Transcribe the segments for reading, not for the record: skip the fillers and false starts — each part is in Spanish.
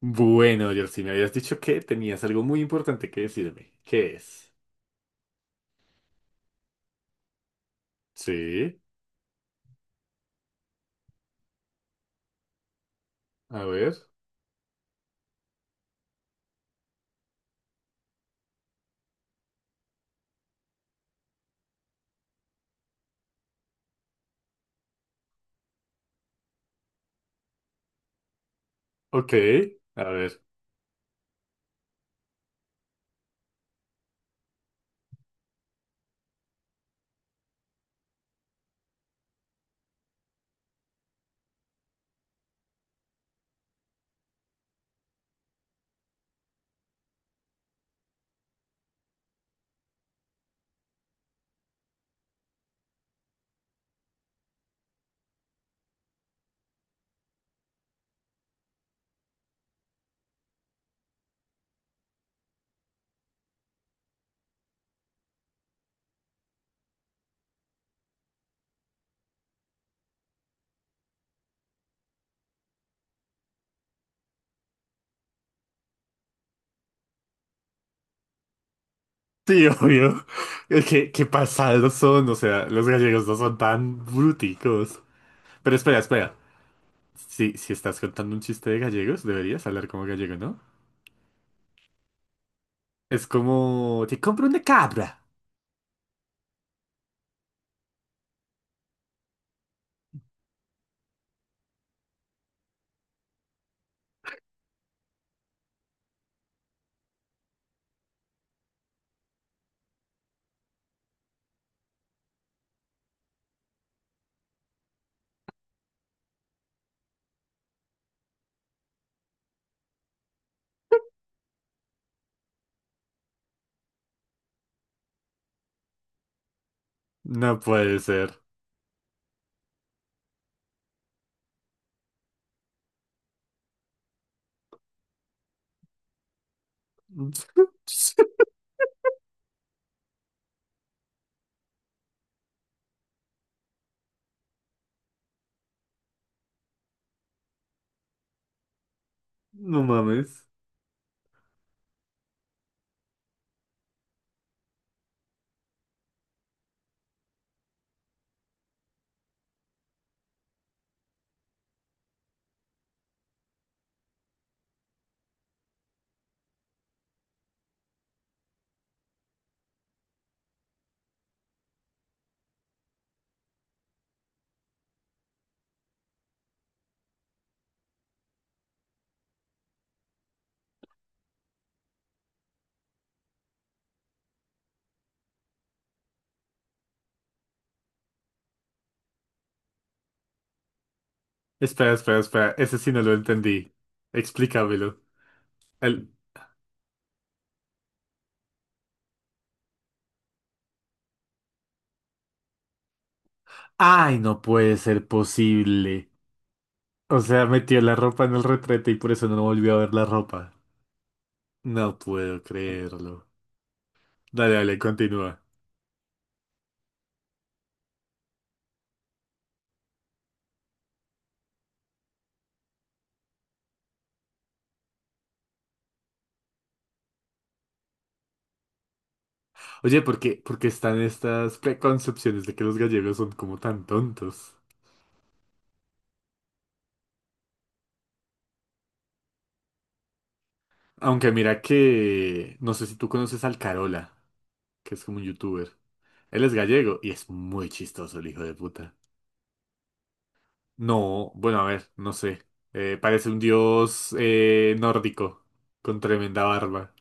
Bueno, Jersey, me habías dicho que tenías algo muy importante que decirme. ¿Qué es? Sí, a ver. Ok, a ver. Sí, obvio. Es que, qué pasados son, o sea, los gallegos no son tan bruticos. Pero espera, espera. Si, si estás contando un chiste de gallegos, deberías hablar como gallego, ¿no? Es como, te compro una cabra. No puede ser. No mames. Espera, espera, espera. Ese sí no lo entendí. Explícamelo. El- Ay, no puede ser posible. O sea, metió la ropa en el retrete y por eso no volvió a ver la ropa. No puedo creerlo. Dale, dale, continúa. Oye, por qué están estas preconcepciones de que los gallegos son como tan tontos? Aunque mira que... No sé si tú conoces al Carola, que es como un youtuber. Él es gallego y es muy chistoso el hijo de puta. No, bueno, a ver, no sé. Parece un dios nórdico con tremenda barba.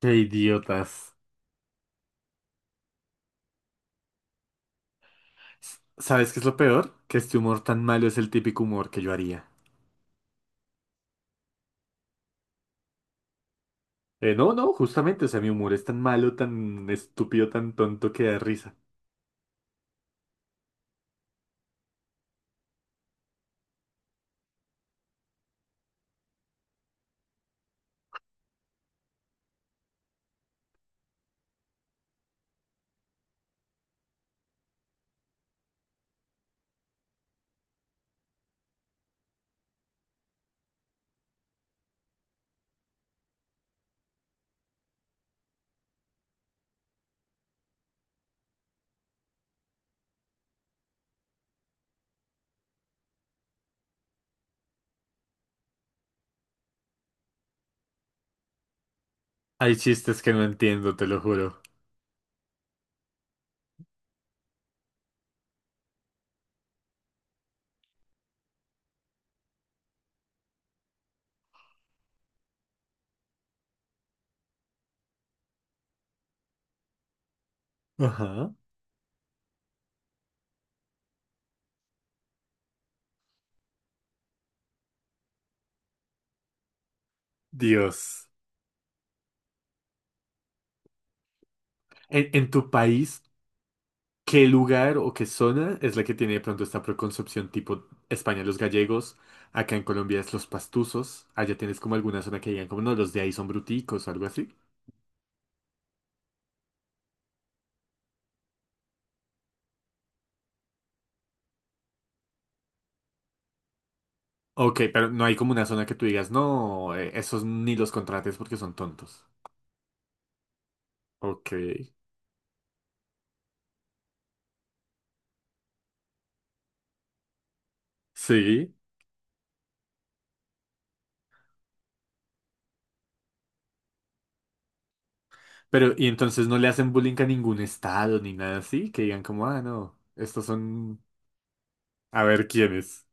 Qué idiotas. S- ¿Sabes qué es lo peor? Que este humor tan malo es el típico humor que yo haría. No, no, justamente, o sea, mi humor es tan malo, tan estúpido, tan tonto que da risa. Hay chistes que no entiendo, te lo juro. Ajá. Dios. En tu país, ¿qué lugar o qué zona es la que tiene de pronto esta preconcepción tipo España, los gallegos? Acá en Colombia es los pastuzos. Allá tienes como alguna zona que digan como no, los de ahí son bruticos o algo así. Ok, pero no hay como una zona que tú digas, no, esos ni los contrates porque son tontos. Ok, sí. Pero, ¿y entonces no le hacen bullying a ningún estado ni nada así? Que digan como, ah, no, estos son... A ver quiénes.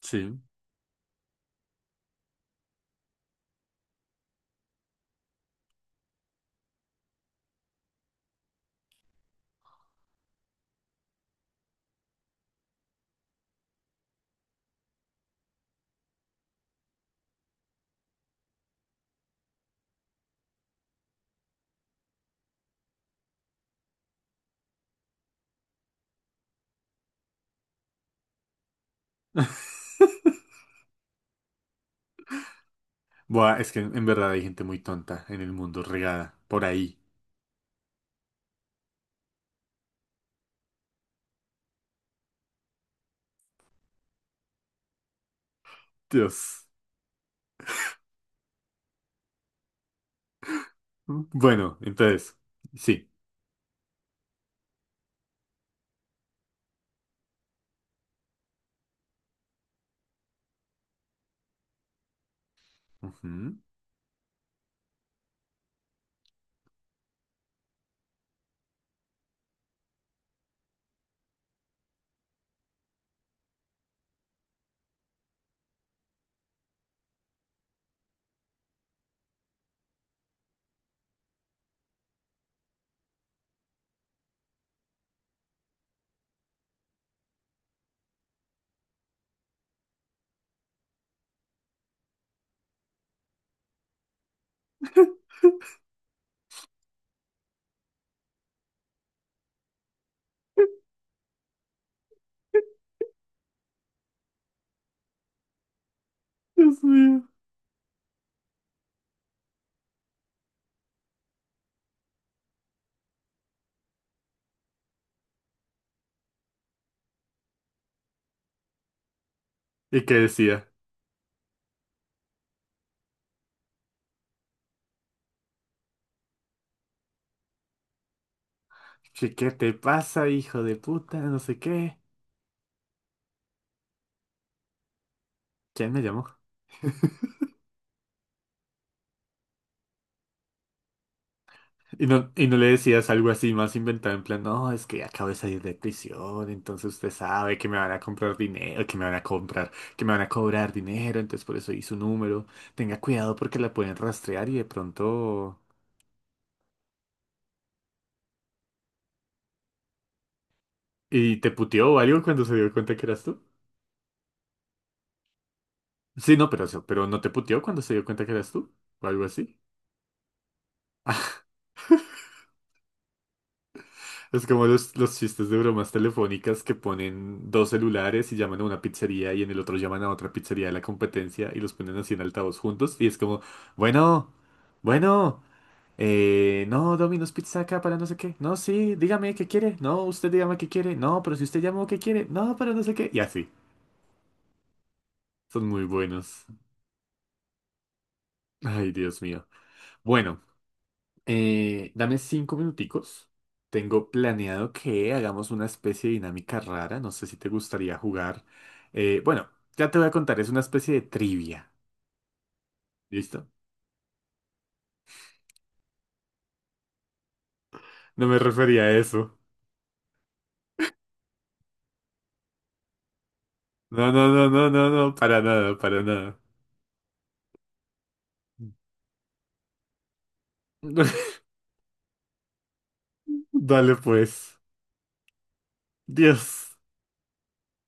Sí. Buah, es que en verdad hay gente muy tonta en el mundo, regada, por ahí. Dios. Bueno, entonces, sí. Ujú. Dios mío. ¿Y qué decía? ¿Qué, qué te pasa, hijo de puta? No sé qué. ¿Quién me llamó? Y no le decías algo así más inventado, en plan, no, es que acabo de salir de prisión, entonces usted sabe que me van a comprar dinero, que me van a comprar, que me van a cobrar dinero, entonces por eso di su número. Tenga cuidado porque la pueden rastrear y de pronto... ¿Y te puteó o algo cuando se dio cuenta que eras tú? Sí, no, pero, eso- pero no te puteó cuando se dio cuenta que eras tú, o algo así. Es como los chistes de bromas telefónicas que ponen dos celulares y llaman a una pizzería y en el otro llaman a otra pizzería de la competencia y los ponen así en altavoz juntos y es como, bueno, bueno, no, Domino's Pizza acá para no sé qué, no, sí, dígame qué quiere, no, usted dígame qué quiere, no, pero si usted llamó qué quiere, no, pero no sé qué, y así, son muy buenos. Ay, Dios mío. Bueno. Dame 5 minuticos. Tengo planeado que hagamos una especie de dinámica rara. No sé si te gustaría jugar. Bueno, ya te voy a contar. Es una especie de trivia. ¿Listo? No me refería a eso. No, no, no, no, no, no. Para nada, para nada. Dale pues. Dios.